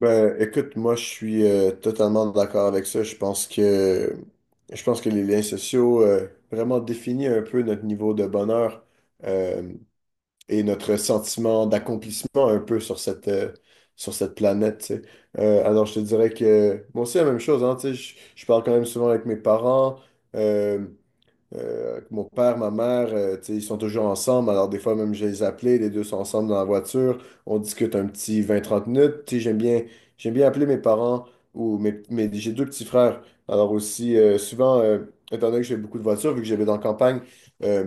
Ben, écoute, moi, je suis totalement d'accord avec ça. Je pense que les liens sociaux vraiment définissent un peu notre niveau de bonheur euh, et notre sentiment d'accomplissement un peu sur cette planète. Tu sais. Alors, je te dirais que moi aussi la même chose. Hein, tu sais, je parle quand même souvent avec mes parents. euh, mon père, ma mère, tu sais, ils sont toujours ensemble. Alors, des fois, même, je les appelais, les deux sont ensemble dans la voiture. On discute un petit 20-30 minutes. Tu sais, j'aime bien appeler mes parents. J'ai deux petits frères. Alors, aussi, souvent, étant donné que j'ai beaucoup de voitures, vu que j'habite en campagne, euh,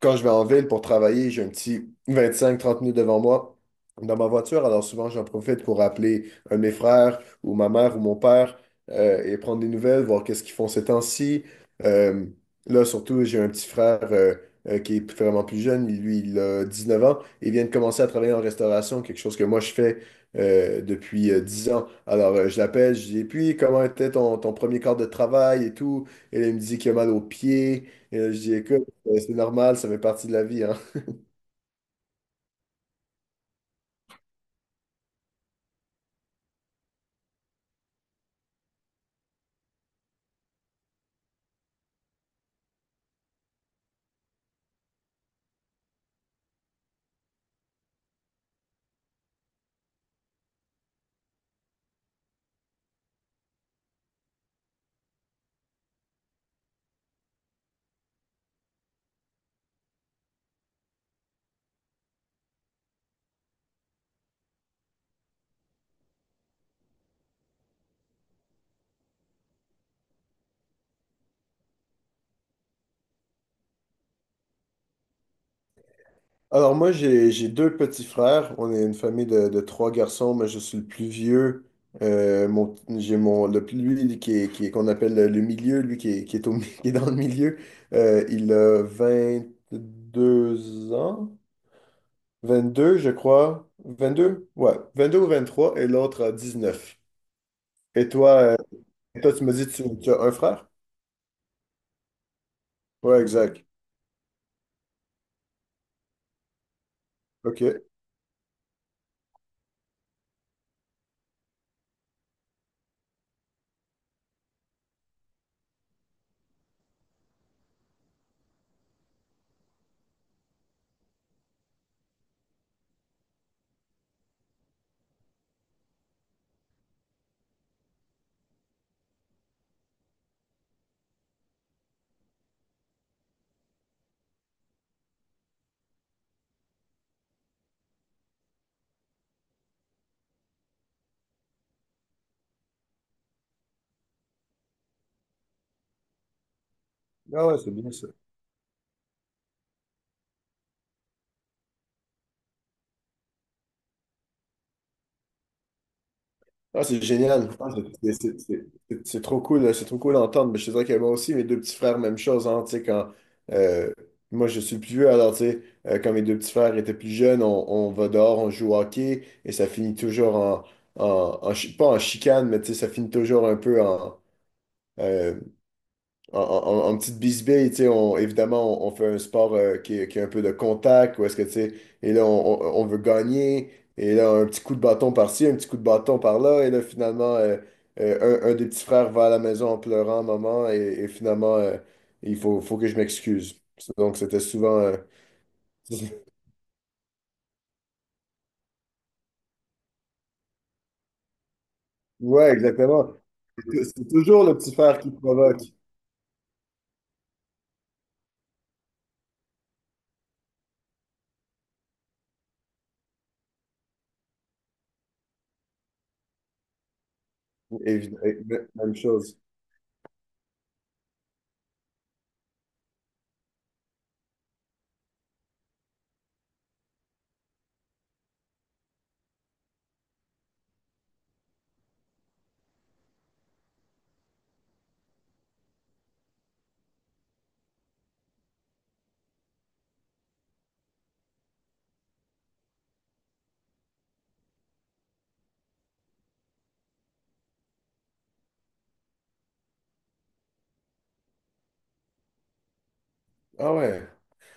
quand je vais en ville pour travailler, j'ai un petit 25-30 minutes devant moi dans ma voiture. Alors, souvent, j'en profite pour appeler un de mes frères ou ma mère ou mon père et prendre des nouvelles, voir qu'est-ce qu'ils font ces temps-ci. Euh, Là, surtout, j'ai un petit frère qui est vraiment plus jeune. Lui, il a 19 ans et vient de commencer à travailler en restauration, quelque chose que moi, je fais depuis 10 ans. Alors, je l'appelle, je dis, et puis, comment était ton premier quart de travail et tout? Et là, il me dit qu'il a mal aux pieds. Et là, je dis, écoute, c'est normal, ça fait partie de la vie, hein. Alors moi, j'ai deux petits frères. On est une famille de trois garçons, mais je suis le plus vieux. Le plus, lui, qu'on appelle le milieu, lui qui est au, mi- qui est dans le milieu. Il a 22 ans, 22 je crois. 22? Ouais, 22 ou trois et l'autre a neuf. Et toi, toi tu me dis, tu as un frère? Ouais, exact. OK. Ah ouais, c'est bien ça. Ah, c'est génial. Ah, c'est trop cool, c'est trop cool d'entendre. Mais je te dirais que moi aussi, mes deux petits frères, même chose. Hein, tu sais, quand, euh, moi, je suis le plus vieux, alors tu sais, quand mes deux petits frères étaient plus jeunes, on va dehors, on joue au hockey et ça finit toujours en chi- pas en chicane, mais tu sais, ça finit toujours un peu euh, en petite bisbille, tu sais, on, évidemment, on fait un sport qui a un peu de contact, ou est-ce que, tu sais, et là, on veut gagner, et là, un petit coup de bâton par-ci, un petit coup de bâton par-là, et là, finalement, un des petits frères va à la maison en pleurant, maman, et finalement, il faut que je m'excuse. Donc, c'était souvent. Ouais, exactement. C'est toujours le petit frère qui provoque, même chose. Ah ouais.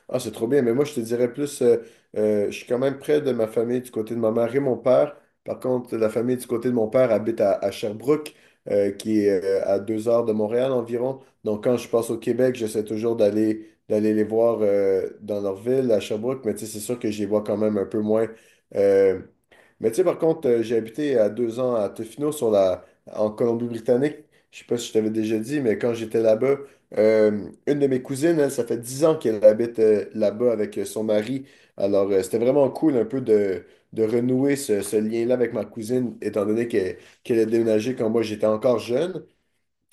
Ah, c'est trop bien, mais moi, je te dirais plus, je suis quand même près de ma famille du côté de ma mère et mon père. Par contre, la famille du côté de mon père habite à Sherbrooke, qui est à 2 heures de Montréal environ. Donc, quand je passe au Québec, j'essaie toujours d'aller les voir dans leur ville, à Sherbrooke, mais tu sais, c'est sûr que je les vois quand même un peu moins. Euh, mais tu sais, par contre, j'ai habité à 2 ans à Tofino, en Colombie-Britannique. Je sais pas si je t'avais déjà dit, mais quand j'étais là-bas, une de mes cousines, elle, ça fait 10 ans qu'elle habite là-bas avec son mari. Alors, c'était vraiment cool un peu de renouer ce lien-là avec ma cousine, étant donné qu'elle a déménagé quand moi j'étais encore jeune.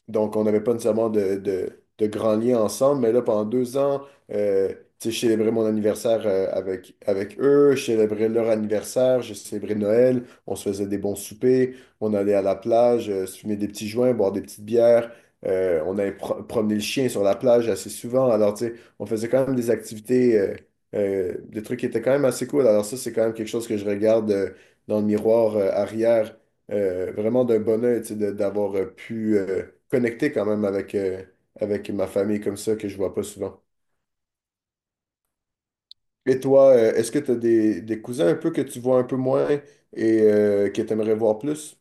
Donc, on n'avait pas nécessairement de grands liens ensemble, mais là, pendant 2 ans, euh, tu sais, je célébrais mon anniversaire avec eux, je célébrais leur anniversaire, je célébrais Noël, on se faisait des bons soupers, on allait à la plage, se fumer des petits joints, boire des petites bières, on allait promener le chien sur la plage assez souvent. Alors, tu sais, on faisait quand même des activités, des trucs qui étaient quand même assez cool. Alors, ça, c'est quand même quelque chose que je regarde dans le miroir arrière vraiment d'un bonheur, tu sais, d'avoir pu connecter quand même avec ma famille comme ça, que je vois pas souvent. Et toi, est-ce que tu as des cousins un peu que tu vois un peu moins et que tu aimerais voir plus?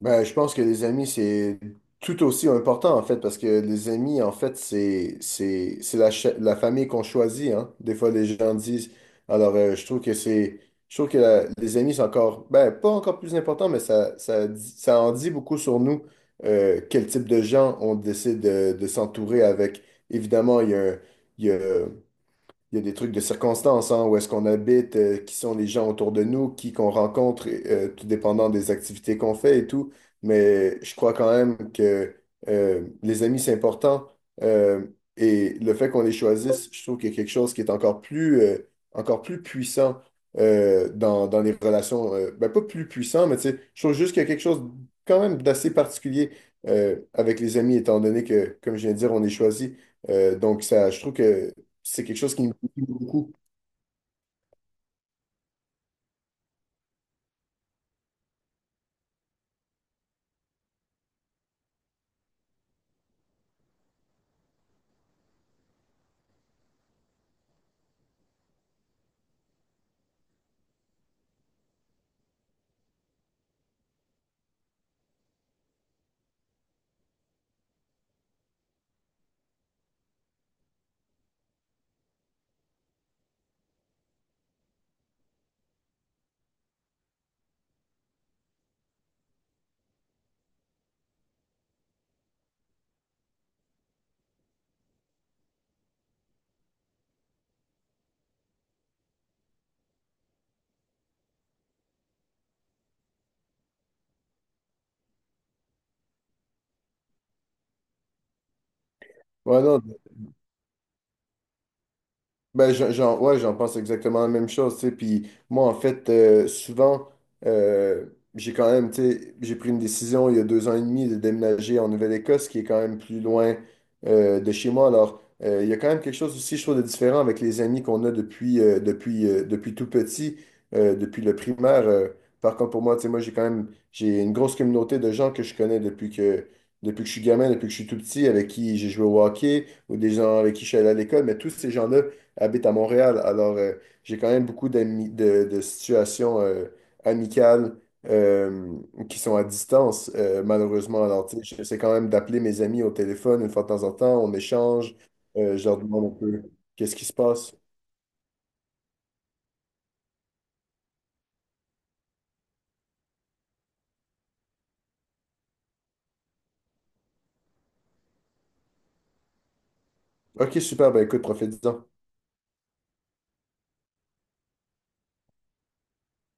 Ben, je pense que les amis, c'est tout aussi important, en fait, parce que les amis, en fait, c'est la famille qu'on choisit, hein. Des fois, les gens disent, alors, je trouve que les amis, c'est encore, ben, pas encore plus important, mais ça en dit beaucoup sur nous, quel type de gens on décide de s'entourer avec. Évidemment, un- il y a des trucs de circonstances, hein, où est-ce qu'on habite, qui sont les gens autour de nous, qui qu'on rencontre, et, tout dépendant des activités qu'on fait et tout. Mais je crois quand même que les amis, c'est important. Euh, et le fait qu'on les choisisse, je trouve qu'il y a quelque chose qui est encore plus puissant dans les relations. Ben, pas plus puissant, mais tu sais, je trouve juste qu'il y a quelque chose quand même d'assez particulier avec les amis, étant donné que, comme je viens de dire, on est choisi. Donc, ça, je trouve que c'est quelque chose qui beaucoup. Ouais, non, Ben, ouais, j'en pense exactement la même chose, tu sais. Puis moi, en fait, souvent, euh, j'ai quand même, tu sais, j'ai pris une décision il y a 2 ans et demi de déménager en Nouvelle-Écosse, qui est quand même plus loin de chez moi. Alors, il y a quand même quelque chose aussi, je trouve, de différent avec les amis qu'on a depuis tout petit, depuis le primaire. Par contre, pour moi, tu sais, moi, j'ai quand même, j'ai une grosse communauté de gens que je connais depuis que je suis gamin, depuis que je suis tout petit, avec qui j'ai joué au hockey, ou des gens avec qui je suis allé à l'école, mais tous ces gens-là, habite à Montréal. Alors, j'ai quand même beaucoup d'amis, de situations amicales euh, qui sont à distance, malheureusement. Alors, tu sais, j'essaie quand même d'appeler mes amis au téléphone une fois de temps en temps, on échange, je leur demande un peu qu'est-ce qui se passe. Ok, super, ben écoute, profite-en.